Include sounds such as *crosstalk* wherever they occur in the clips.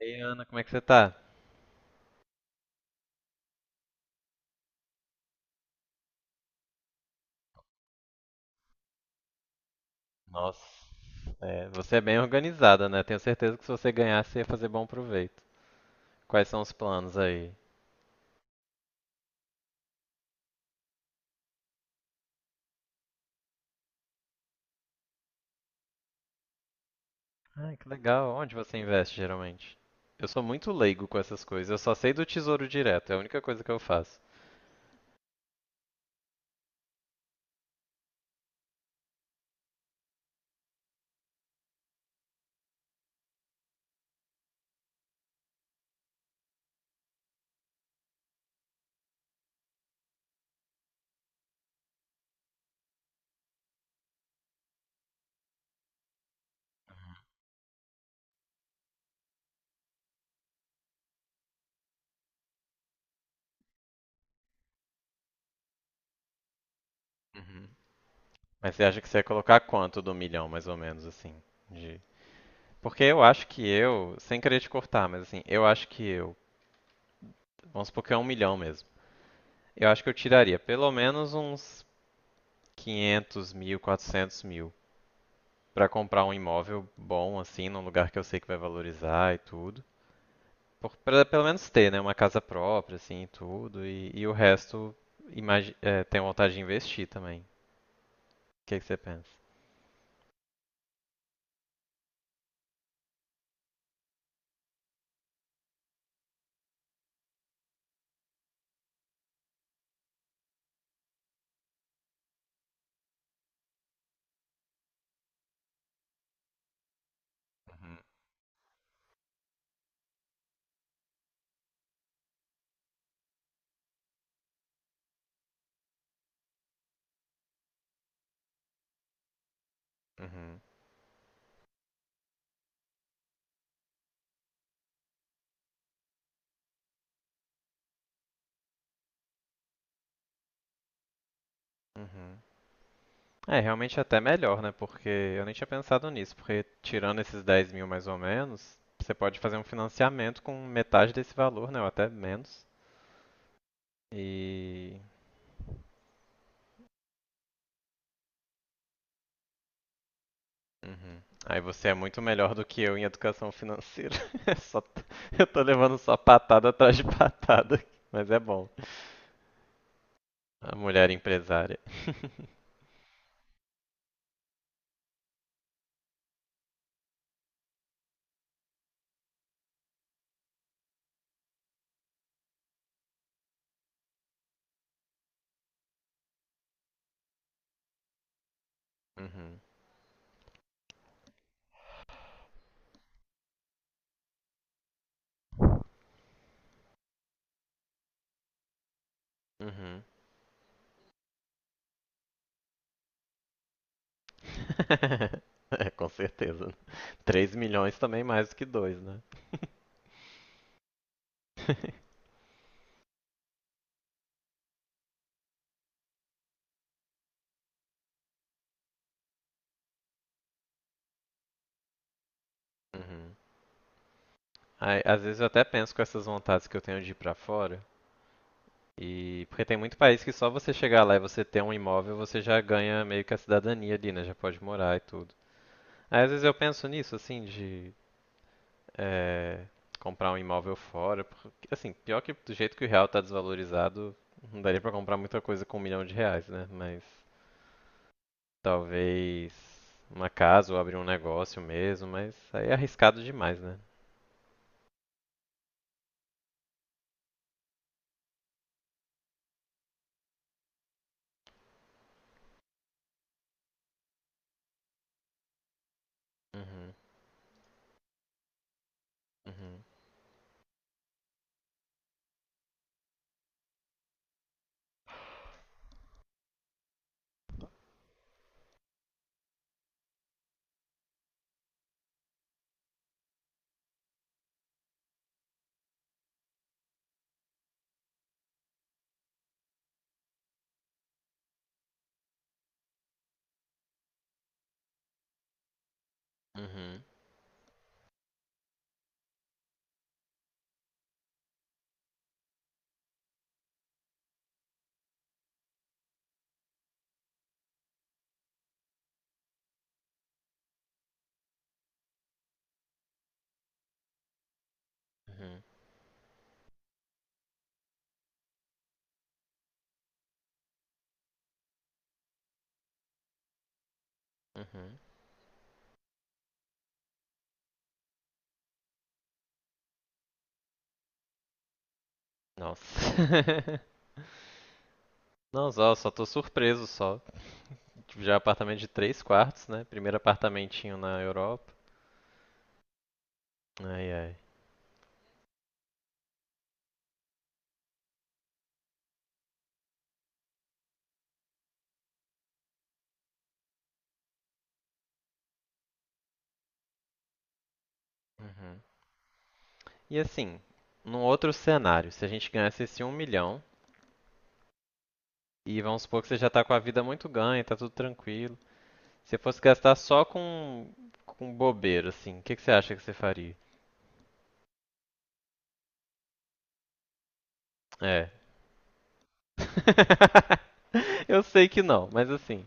Ei, Ana, como é que você tá? Nossa, é, você é bem organizada, né? Tenho certeza que se você ganhar, você ia fazer bom proveito. Quais são os planos aí? Ai, que legal. Onde você investe geralmente? Eu sou muito leigo com essas coisas. Eu só sei do Tesouro Direto, é a única coisa que eu faço. Uhum. Mas você acha que você ia colocar quanto do milhão, mais ou menos, assim? De... Porque eu acho que eu, sem querer te cortar, mas assim, eu acho que eu, vamos supor que é um milhão mesmo. Eu acho que eu tiraria pelo menos uns 500 mil, 400 mil. Pra comprar um imóvel bom, assim, num lugar que eu sei que vai valorizar e tudo. Por, pra pelo menos ter, né, uma casa própria, assim, e tudo. E o resto, imagi é, tenho vontade de investir também. O que que você pensa? Uhum. Uhum, uhum. É, realmente é até melhor, né? Porque eu nem tinha pensado nisso. Porque tirando esses 10 mil mais ou menos, você pode fazer um financiamento com metade desse valor, né? Ou até menos. E Uhum. Aí você é muito melhor do que eu em educação financeira. *laughs* É só- Eu tô levando só patada atrás de patada, mas é bom. A mulher empresária. Uhum. Uhum. *laughs* É, com certeza. 3 milhões também é mais do que 2, né? *laughs* Uhum. Aí, às vezes eu até penso com essas vontades que eu tenho de ir pra fora. E porque tem muito país que só você chegar lá e você ter um imóvel, você já ganha meio que a cidadania ali, né? Já pode morar e tudo. Aí às vezes eu penso nisso, assim, de é, comprar um imóvel fora. Porque, assim, pior que do jeito que o real tá desvalorizado, não daria pra comprar muita coisa com um milhão de reais, né? Mas talvez uma casa ou abrir um negócio mesmo, mas aí é arriscado demais, né? Uhum, uhum, uhum, uhum, uhum. Nossa. *laughs* Não, só, só tô surpreso só. Tipo, já é apartamento de três quartos, né? Primeiro apartamentinho na Europa. Ai, ai. Uhum. E assim, num outro cenário, se a gente ganhasse esse um milhão, e vamos supor que você já tá com a vida muito ganha, tá tudo tranquilo. Se você fosse gastar só com bobeira, assim, o que que você acha que você faria? É. *laughs* Eu sei que não, mas assim,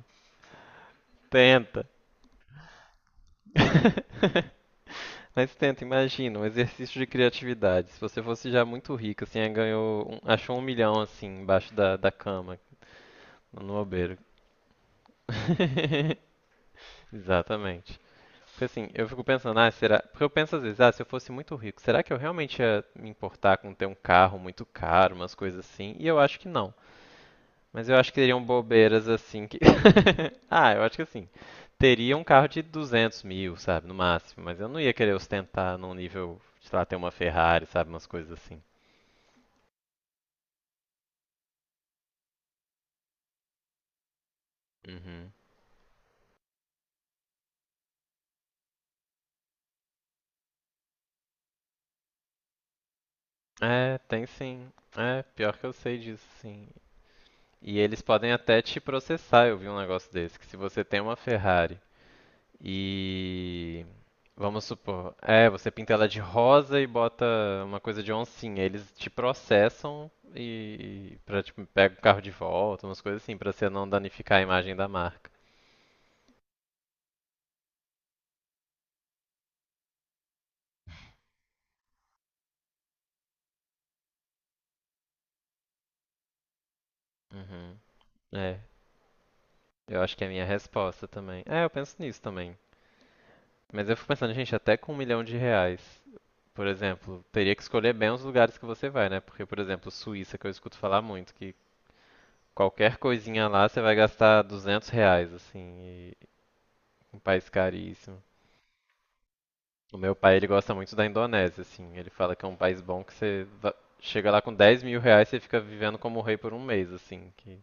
tenta. *laughs* Mas tenta, imagina, um exercício de criatividade. Se você fosse já muito rico, assim, aí ganhou, um- achou um milhão, assim, embaixo da, da cama, no bobeiro. *laughs* Exatamente. Porque assim, eu fico pensando, ah, será. Porque eu penso às vezes, ah, se eu fosse muito rico, será que eu realmente ia me importar com ter um carro muito caro, umas coisas assim? E eu acho que não. Mas eu acho que teriam bobeiras assim que. *laughs* Ah, eu acho que assim. Teria um carro de 200 mil, sabe, no máximo. Mas eu não ia querer ostentar num nível, sei lá, ter uma Ferrari, sabe, umas coisas assim. Uhum. É, tem sim. É, pior que eu sei disso, sim. E eles podem até te processar, eu vi um negócio desse, que se você tem uma Ferrari e vamos supor, é, você pinta ela de rosa e bota uma coisa de oncinha. Eles te processam e para tipo pega o carro de volta, umas coisas assim, pra você não danificar a imagem da marca. Uhum. É, eu acho que é a minha resposta também. É, eu penso nisso também. Mas eu fico pensando, gente, até com um milhão de reais, por exemplo, teria que escolher bem os lugares que você vai, né? Porque, por exemplo, Suíça, que eu escuto falar muito, que qualquer coisinha lá você vai gastar 200 reais, assim, e um país caríssimo. O meu pai, ele gosta muito da Indonésia, assim. Ele fala que é um país bom que você va- chega lá com 10 mil reais e você fica vivendo como rei por um mês, assim. Que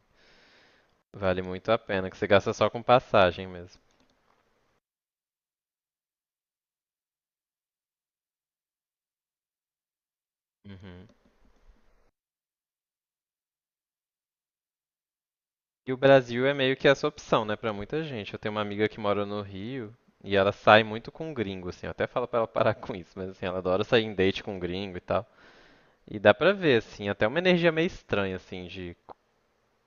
vale muito a pena, que você gasta só com passagem mesmo. Uhum. E o Brasil é meio que essa opção, né, pra muita gente. Eu tenho uma amiga que mora no Rio e ela sai muito com gringo, assim. Eu até falo pra ela parar com isso, mas assim, ela adora sair em date com gringo e tal. E dá pra ver, assim, até uma energia meio estranha, assim, de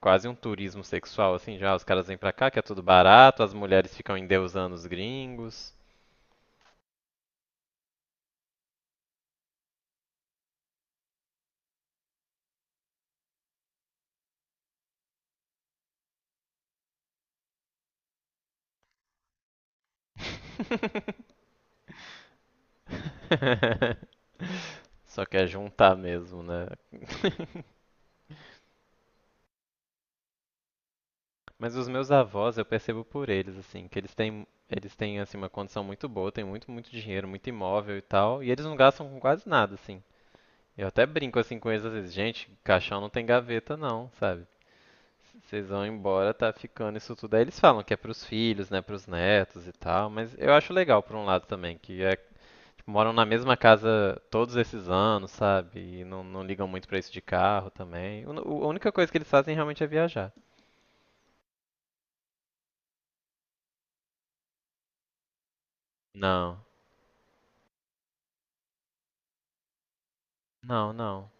quase um turismo sexual, assim, já. Os caras vêm pra cá, que é tudo barato, as mulheres ficam endeusando os gringos. *laughs* Só quer juntar mesmo, né? Mas os meus avós, eu percebo por eles, assim, que eles têm assim, uma condição muito boa, têm muito, muito dinheiro, muito imóvel e tal, e eles não gastam com quase nada, assim. Eu até brinco assim com eles às vezes, gente, caixão não tem gaveta não, sabe? Vocês vão embora, tá ficando isso tudo. Aí eles falam que é pros filhos, né, pros netos e tal, mas eu acho legal por um lado também, que é tipo, moram na mesma casa todos esses anos, sabe? E não, não ligam muito pra isso de carro também. O- a única coisa que eles fazem realmente é viajar. Não. Não, não.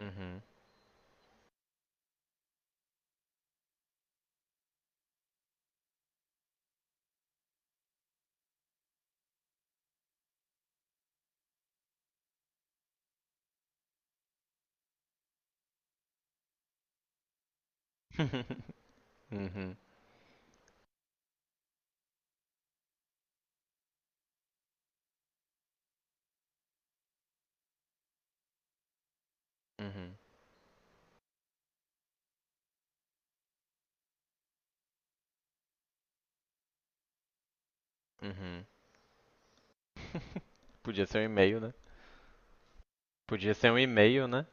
Uhum. *laughs* Uhum. Uhum. Uhum. *laughs* Podia ser um e-mail, né? Podia ser um e-mail, né?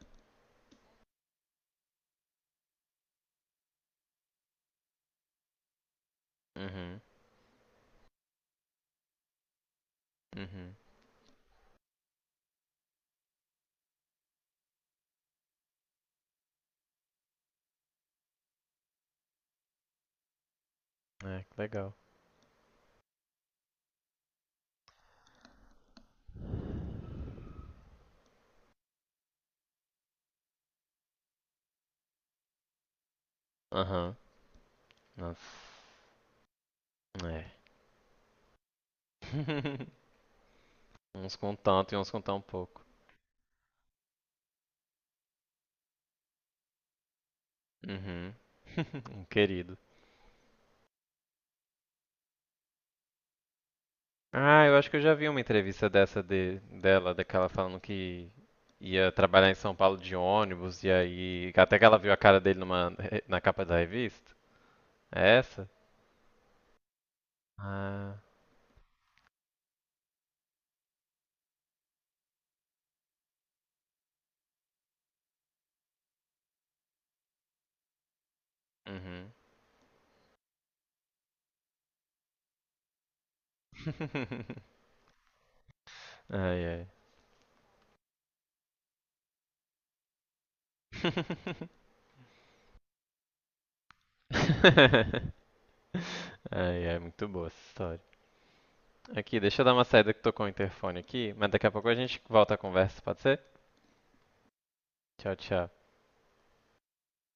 Uhum. Uhum. É, que legal. Aham. Nossa, é. *laughs* Uns com tanto e uns com tão pouco. Uhum. Um querido. Ah, eu acho que eu já vi uma entrevista dessa de, dela, daquela falando que ia trabalhar em São Paulo de ônibus, e aí. Até que ela viu a cara dele numa, na capa da revista. É essa? Ah. Uhum. *laughs* Ai, ai. *laughs* Ai, ai, muito boa essa história. Aqui, deixa eu dar uma saída que tocou o interfone aqui, mas daqui a pouco a gente volta a conversa, pode ser? Tchau, tchau.